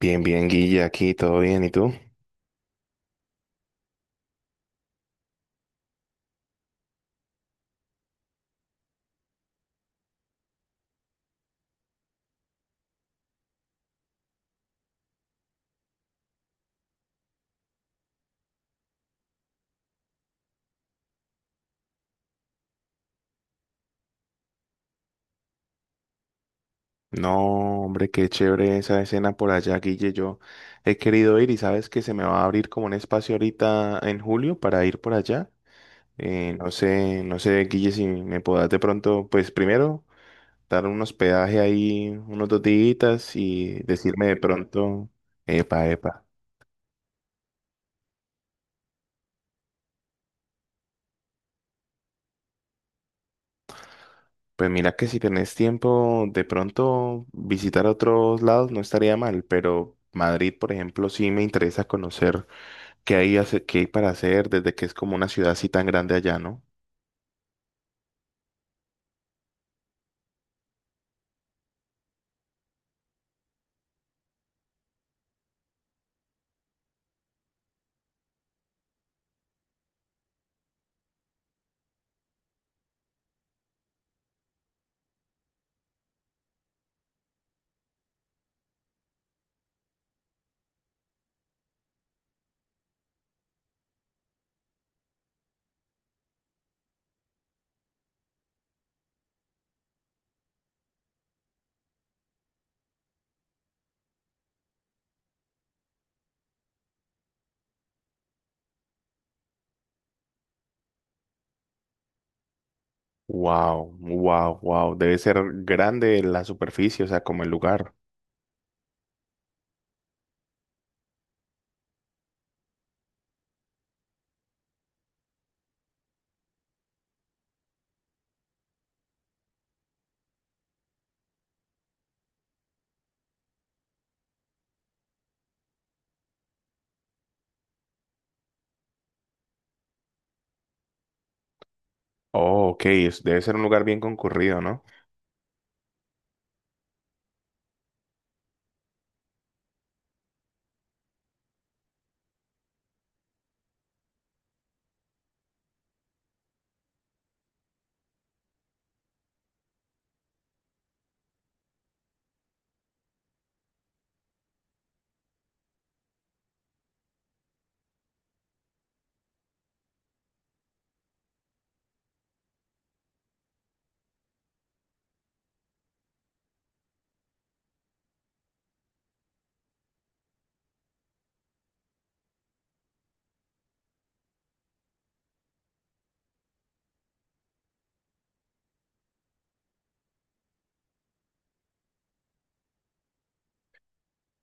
Bien, bien, Guille, aquí todo bien, ¿y tú? No, hombre, qué chévere esa escena por allá, Guille. Yo he querido ir y sabes que se me va a abrir como un espacio ahorita en julio para ir por allá. No sé, Guille, si me podás de pronto, pues primero dar un hospedaje ahí unos dos días y decirme de pronto, epa, epa. Pues mira que si tenés tiempo, de pronto visitar otros lados no estaría mal, pero Madrid, por ejemplo, sí me interesa conocer. ¿Qué hay, qué hay para hacer desde que es como una ciudad así tan grande allá, ¿no? Wow, wow, wow. Debe ser grande la superficie, o sea, como el lugar. Oh, ok, debe ser un lugar bien concurrido, ¿no?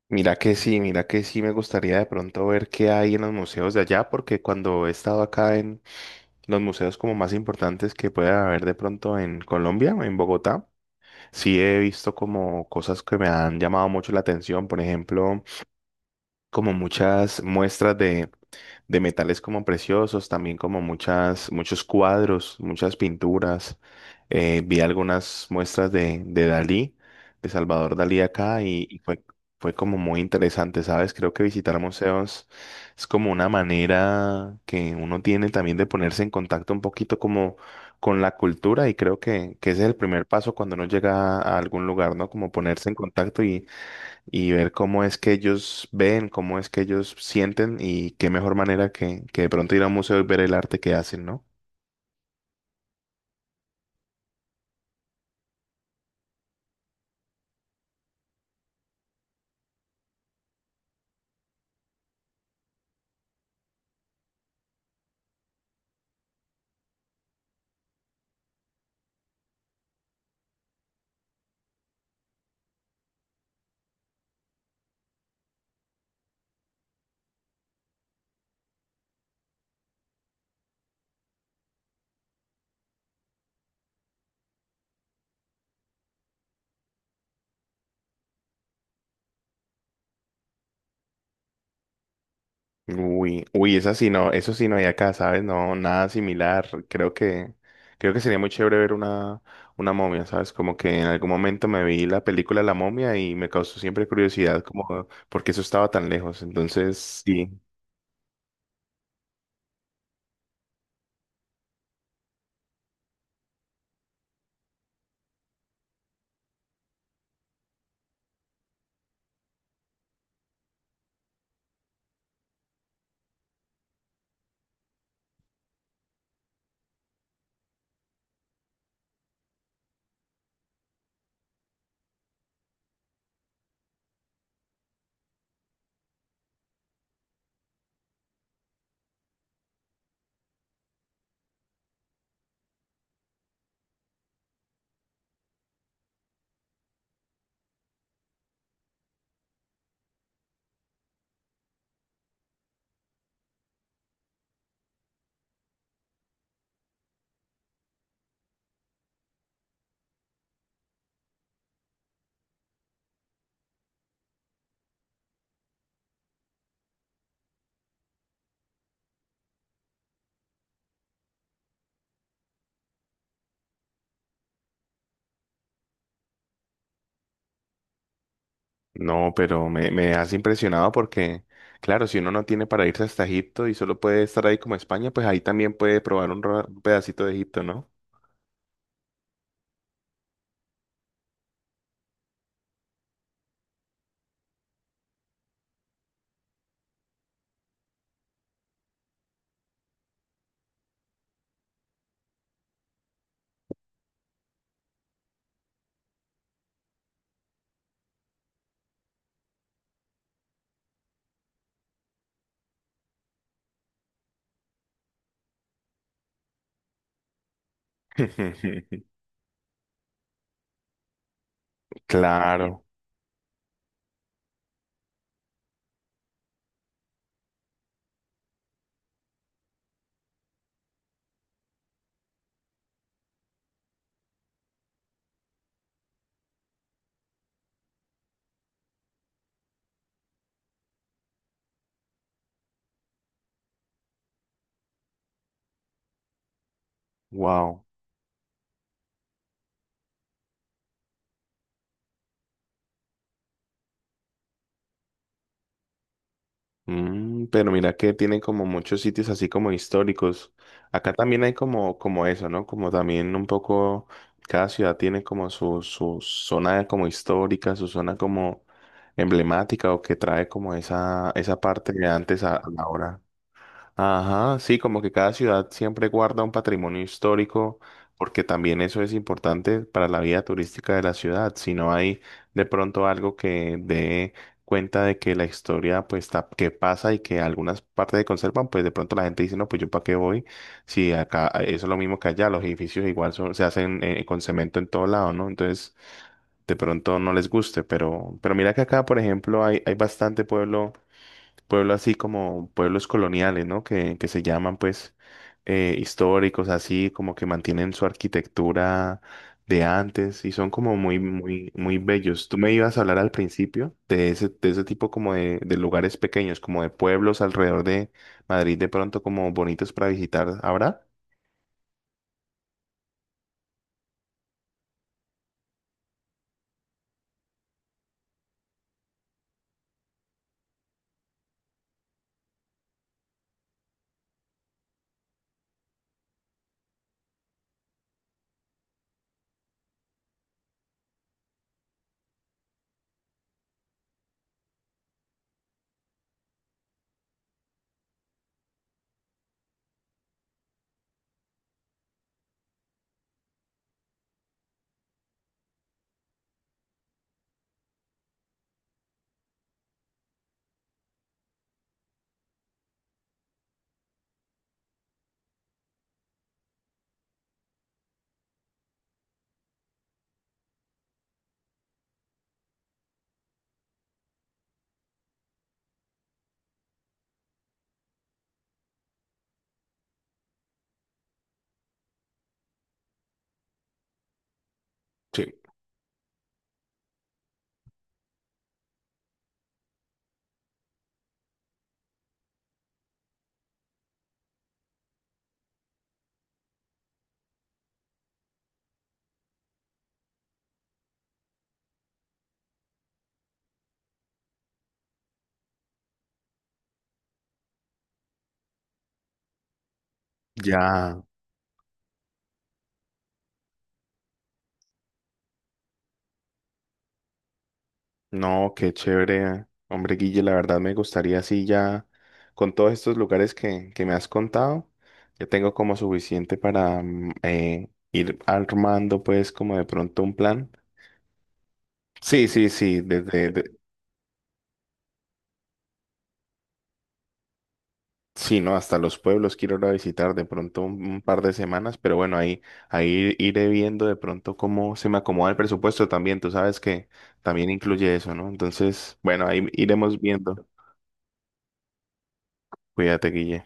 Mira que sí, me gustaría de pronto ver qué hay en los museos de allá, porque cuando he estado acá en los museos como más importantes que pueda haber de pronto en Colombia, en Bogotá, sí he visto como cosas que me han llamado mucho la atención, por ejemplo, como muchas muestras de metales como preciosos, también como muchas, muchos cuadros, muchas pinturas. Vi algunas muestras de Dalí, de Salvador Dalí acá y fue como muy interesante, ¿sabes? Creo que visitar museos es como una manera que uno tiene también de ponerse en contacto un poquito como con la cultura y creo que ese es el primer paso cuando uno llega a algún lugar, ¿no? Como ponerse en contacto y ver cómo es que ellos ven, cómo es que ellos sienten y qué mejor manera que de pronto ir a un museo y ver el arte que hacen, ¿no? Uy, uy, esa sí no, eso sí no hay acá, ¿sabes? No, nada similar. Creo que sería muy chévere ver una momia, ¿sabes? Como que en algún momento me vi la película La Momia y me causó siempre curiosidad como porque eso estaba tan lejos. Entonces, sí. No, pero me has impresionado porque, claro, si uno no tiene para irse hasta Egipto y solo puede estar ahí como España, pues ahí también puede probar un, un pedacito de Egipto, ¿no? Claro, wow. Mm, pero mira que tienen como muchos sitios así como históricos. Acá también hay como, como eso, ¿no? Como también un poco, cada ciudad tiene como su zona como histórica, su zona como emblemática o que trae como esa parte de antes a la hora. Ajá, sí, como que cada ciudad siempre guarda un patrimonio histórico, porque también eso es importante para la vida turística de la ciudad. Si no hay de pronto algo que dé cuenta de que la historia, pues, que pasa y que algunas partes se conservan, pues de pronto la gente dice, no, pues yo para qué voy, si acá eso es lo mismo que allá, los edificios igual son, se hacen con cemento en todo lado, ¿no? Entonces, de pronto no les guste, pero mira que acá, por ejemplo, hay bastante pueblo así como pueblos coloniales, ¿no? Que se llaman pues históricos, así como que mantienen su arquitectura de antes y son como muy, muy, muy bellos. Tú me ibas a hablar al principio de ese tipo como de lugares pequeños, como de pueblos alrededor de Madrid, de pronto como bonitos para visitar ahora. Sí. Ya, no, qué chévere. Hombre, Guille, la verdad me gustaría así ya, con todos estos lugares que me has contado, ya tengo como suficiente para ir armando pues como de pronto un plan. Sí, sí, sí, desde, de- sí, no, hasta los pueblos quiero ir a visitar de pronto un par de semanas, pero bueno, ahí, ahí iré viendo de pronto cómo se me acomoda el presupuesto también, tú sabes que también incluye eso, ¿no? Entonces, bueno, ahí iremos viendo. Cuídate, Guille.